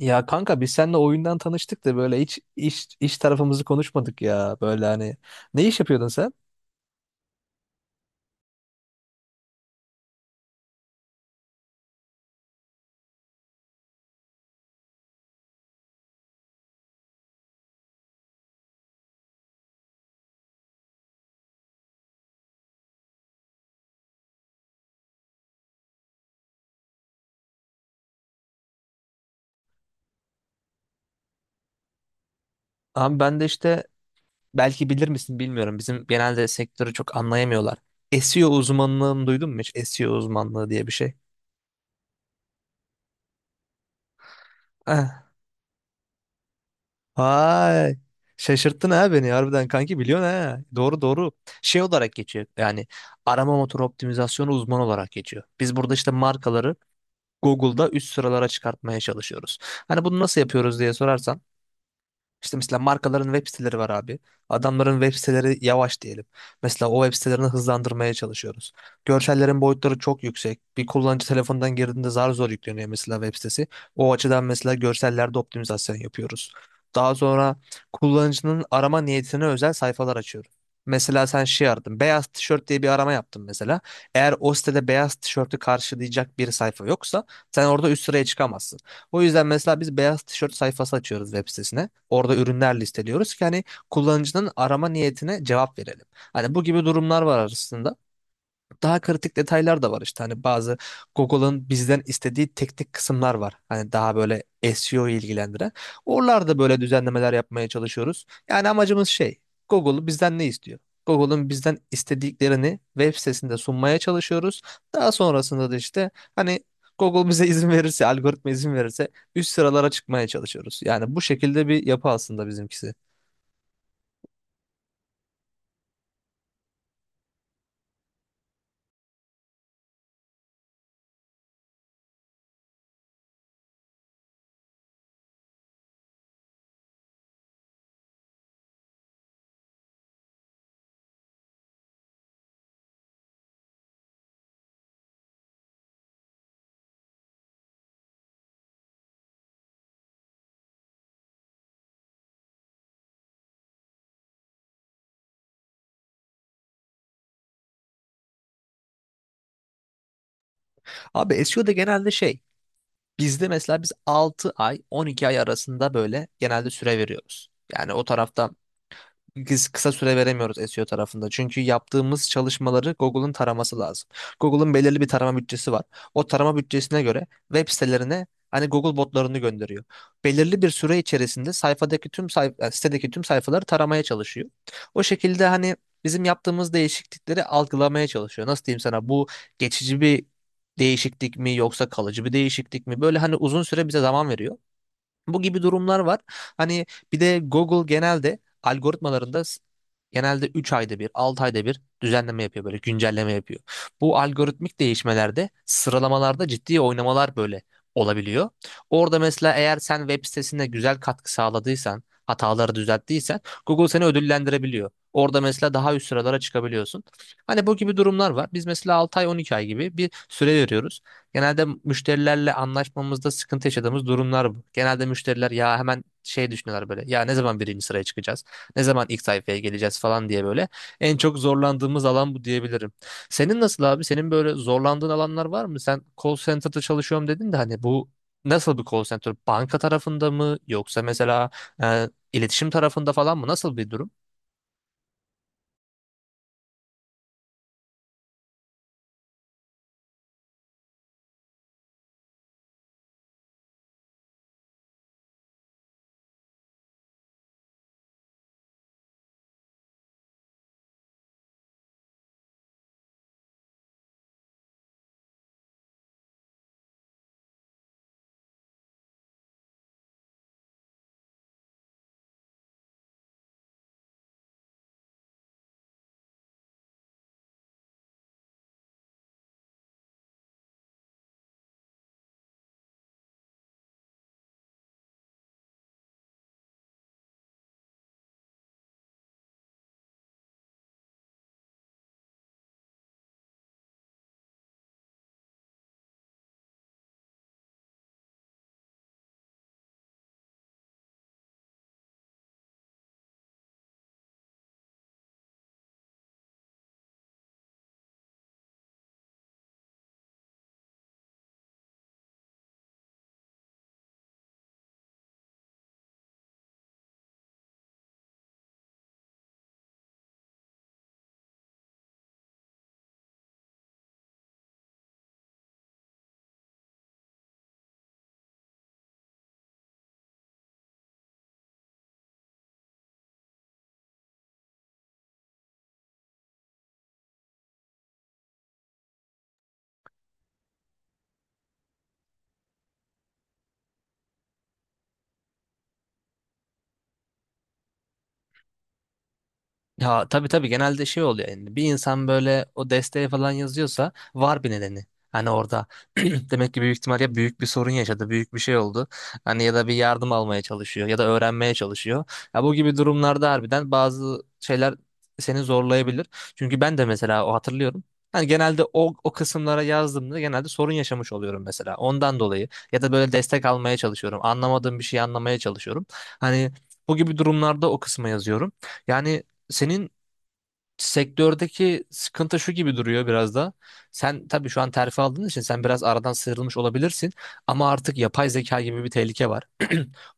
Ya kanka biz seninle oyundan tanıştık da böyle hiç iş tarafımızı konuşmadık ya. Böyle hani ne iş yapıyordun sen? Abi ben de işte belki bilir misin bilmiyorum. Bizim genelde sektörü çok anlayamıyorlar. SEO uzmanlığını duydun mu hiç? SEO uzmanlığı diye bir şey. Eh. Ay. Şaşırttın ha beni harbiden kanki biliyorsun ha. Doğru doğru. Şey olarak geçiyor. Yani arama motoru optimizasyonu uzmanı olarak geçiyor. Biz burada işte markaları Google'da üst sıralara çıkartmaya çalışıyoruz. Hani bunu nasıl yapıyoruz diye sorarsan işte mesela markaların web siteleri var abi. Adamların web siteleri yavaş diyelim. Mesela o web sitelerini hızlandırmaya çalışıyoruz. Görsellerin boyutları çok yüksek. Bir kullanıcı telefondan girdiğinde zar zor yükleniyor mesela web sitesi. O açıdan mesela görsellerde optimizasyon yapıyoruz. Daha sonra kullanıcının arama niyetine özel sayfalar açıyoruz. Mesela sen şey aradın. Beyaz tişört diye bir arama yaptın mesela. Eğer o sitede beyaz tişörtü karşılayacak bir sayfa yoksa sen orada üst sıraya çıkamazsın. O yüzden mesela biz beyaz tişört sayfası açıyoruz web sitesine. Orada ürünler listeliyoruz ki hani kullanıcının arama niyetine cevap verelim. Hani bu gibi durumlar var arasında daha kritik detaylar da var işte hani bazı Google'ın bizden istediği teknik kısımlar var. Hani daha böyle SEO ilgilendiren. Oralarda böyle düzenlemeler yapmaya çalışıyoruz. Yani amacımız şey Google bizden ne istiyor? Google'ın bizden istediklerini web sitesinde sunmaya çalışıyoruz. Daha sonrasında da işte hani Google bize izin verirse, algoritma izin verirse üst sıralara çıkmaya çalışıyoruz. Yani bu şekilde bir yapı aslında bizimkisi. Abi SEO'da genelde şey bizde mesela biz 6 ay 12 ay arasında böyle genelde süre veriyoruz. Yani o tarafta biz kısa süre veremiyoruz SEO tarafında. Çünkü yaptığımız çalışmaları Google'ın taraması lazım. Google'ın belirli bir tarama bütçesi var. O tarama bütçesine göre web sitelerine hani Google botlarını gönderiyor. Belirli bir süre içerisinde sayfadaki tüm sitedeki tüm sayfaları taramaya çalışıyor. O şekilde hani bizim yaptığımız değişiklikleri algılamaya çalışıyor. Nasıl diyeyim sana bu geçici bir değişiklik mi yoksa kalıcı bir değişiklik mi? Böyle hani uzun süre bize zaman veriyor. Bu gibi durumlar var. Hani bir de Google genelde algoritmalarında genelde 3 ayda bir, 6 ayda bir düzenleme yapıyor böyle güncelleme yapıyor. Bu algoritmik değişmelerde sıralamalarda ciddi oynamalar böyle olabiliyor. Orada mesela eğer sen web sitesine güzel katkı sağladıysan, hataları düzelttiysen Google seni ödüllendirebiliyor. Orada mesela daha üst sıralara çıkabiliyorsun. Hani bu gibi durumlar var. Biz mesela 6 ay 12 ay gibi bir süre veriyoruz. Genelde müşterilerle anlaşmamızda sıkıntı yaşadığımız durumlar bu. Genelde müşteriler ya hemen şey düşünüyorlar böyle. Ya ne zaman birinci sıraya çıkacağız? Ne zaman ilk sayfaya geleceğiz falan diye böyle. En çok zorlandığımız alan bu diyebilirim. Senin nasıl abi? Senin böyle zorlandığın alanlar var mı? Sen call center'da çalışıyorum dedin de hani bu nasıl bir call center? Banka tarafında mı yoksa mesela iletişim tarafında falan mı? Nasıl bir durum? Ya tabii tabii genelde şey oluyor yani bir insan böyle o desteği falan yazıyorsa var bir nedeni. Hani orada demek ki büyük ihtimal ya büyük bir sorun yaşadı, büyük bir şey oldu. Hani ya da bir yardım almaya çalışıyor ya da öğrenmeye çalışıyor. Ya bu gibi durumlarda harbiden bazı şeyler seni zorlayabilir. Çünkü ben de mesela o hatırlıyorum. Hani genelde o kısımlara yazdığımda genelde sorun yaşamış oluyorum mesela. Ondan dolayı ya da böyle destek almaya çalışıyorum. Anlamadığım bir şeyi anlamaya çalışıyorum. Hani bu gibi durumlarda o kısma yazıyorum. Yani senin sektördeki sıkıntı şu gibi duruyor biraz da. Sen tabii şu an terfi aldığın için sen biraz aradan sıyrılmış olabilirsin ama artık yapay zeka gibi bir tehlike var.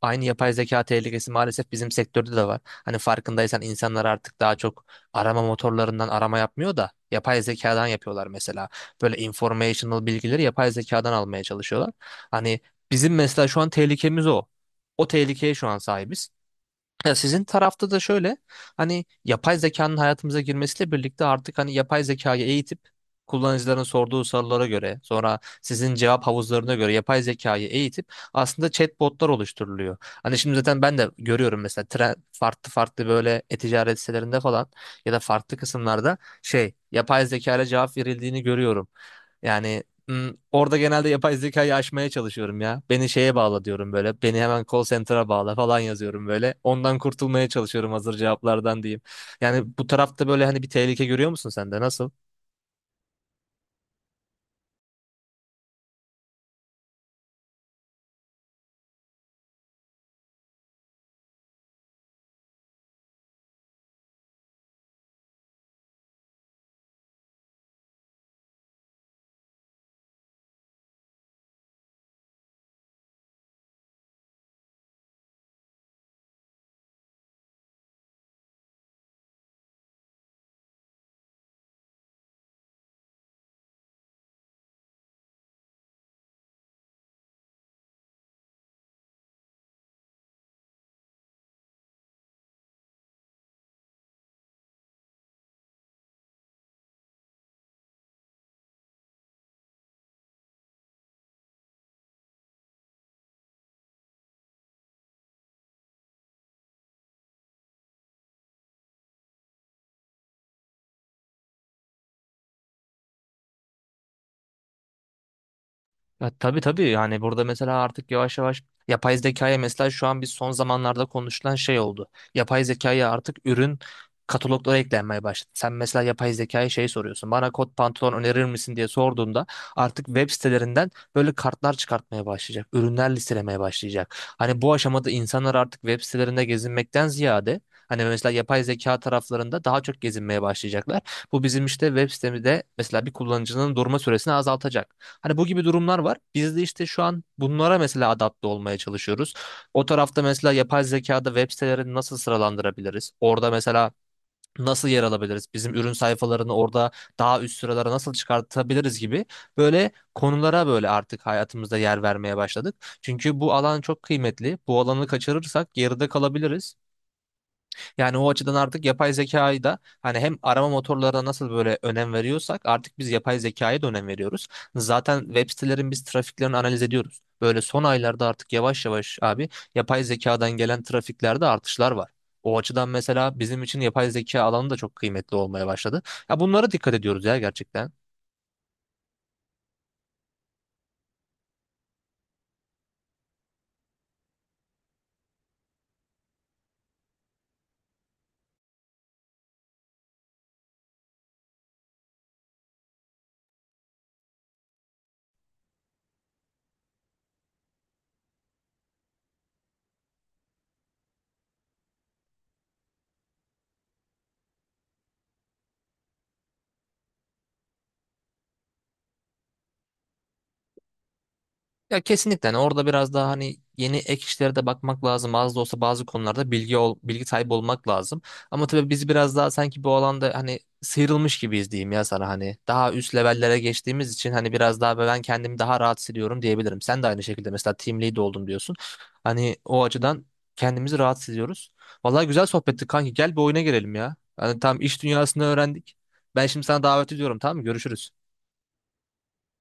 Aynı yapay zeka tehlikesi maalesef bizim sektörde de var. Hani farkındaysan insanlar artık daha çok arama motorlarından arama yapmıyor da yapay zekadan yapıyorlar mesela. Böyle informational bilgileri yapay zekadan almaya çalışıyorlar. Hani bizim mesela şu an tehlikemiz o. O tehlikeye şu an sahibiz. Ya sizin tarafta da şöyle hani yapay zekanın hayatımıza girmesiyle birlikte artık hani yapay zekayı eğitip kullanıcıların sorduğu sorulara göre sonra sizin cevap havuzlarına göre yapay zekayı eğitip aslında chatbotlar oluşturuluyor. Hani şimdi zaten ben de görüyorum mesela tren, farklı farklı böyle e-ticaret sitelerinde falan ya da farklı kısımlarda şey yapay zekayla cevap verildiğini görüyorum. Yani orada genelde yapay zekayı aşmaya çalışıyorum ya. Beni şeye bağla diyorum böyle. Beni hemen call center'a bağla falan yazıyorum böyle. Ondan kurtulmaya çalışıyorum hazır cevaplardan diyeyim. Yani bu tarafta böyle hani bir tehlike görüyor musun sen de? Nasıl? Ya, tabii tabii yani burada mesela artık yavaş yavaş yapay zekaya mesela şu an biz son zamanlarda konuşulan şey oldu. Yapay zekaya artık ürün kataloglara eklenmeye başladı. Sen mesela yapay zekaya şey soruyorsun. Bana kot pantolon önerir misin diye sorduğunda artık web sitelerinden böyle kartlar çıkartmaya başlayacak. Ürünler listelemeye başlayacak. Hani bu aşamada insanlar artık web sitelerinde gezinmekten ziyade hani mesela yapay zeka taraflarında daha çok gezinmeye başlayacaklar. Bu bizim işte web sitemizde mesela bir kullanıcının durma süresini azaltacak. Hani bu gibi durumlar var. Biz de işte şu an bunlara mesela adapte olmaya çalışıyoruz. O tarafta mesela yapay zekada web sitelerini nasıl sıralandırabiliriz? Orada mesela nasıl yer alabiliriz? Bizim ürün sayfalarını orada daha üst sıralara nasıl çıkartabiliriz gibi böyle konulara böyle artık hayatımızda yer vermeye başladık. Çünkü bu alan çok kıymetli. Bu alanı kaçırırsak geride kalabiliriz. Yani o açıdan artık yapay zekayı da hani hem arama motorlarına nasıl böyle önem veriyorsak artık biz yapay zekaya da önem veriyoruz. Zaten web sitelerin biz trafiklerini analiz ediyoruz. Böyle son aylarda artık yavaş yavaş abi yapay zekadan gelen trafiklerde artışlar var. O açıdan mesela bizim için yapay zeka alanı da çok kıymetli olmaya başladı. Ya bunlara dikkat ediyoruz ya gerçekten. Ya kesinlikle hani orada biraz daha hani yeni ek işlere de bakmak lazım. Az da olsa bazı konularda bilgi sahibi olmak lazım. Ama tabii biz biraz daha sanki bu alanda hani sıyrılmış gibiyiz diyeyim ya sana hani. Daha üst levellere geçtiğimiz için hani biraz daha ben kendimi daha rahat hissediyorum diyebilirim. Sen de aynı şekilde mesela team lead oldum diyorsun. Hani o açıdan kendimizi rahat hissediyoruz. Vallahi güzel sohbetti kanki. Gel bir oyuna girelim ya. Hani tam iş dünyasını öğrendik. Ben şimdi sana davet ediyorum tamam mı? Görüşürüz.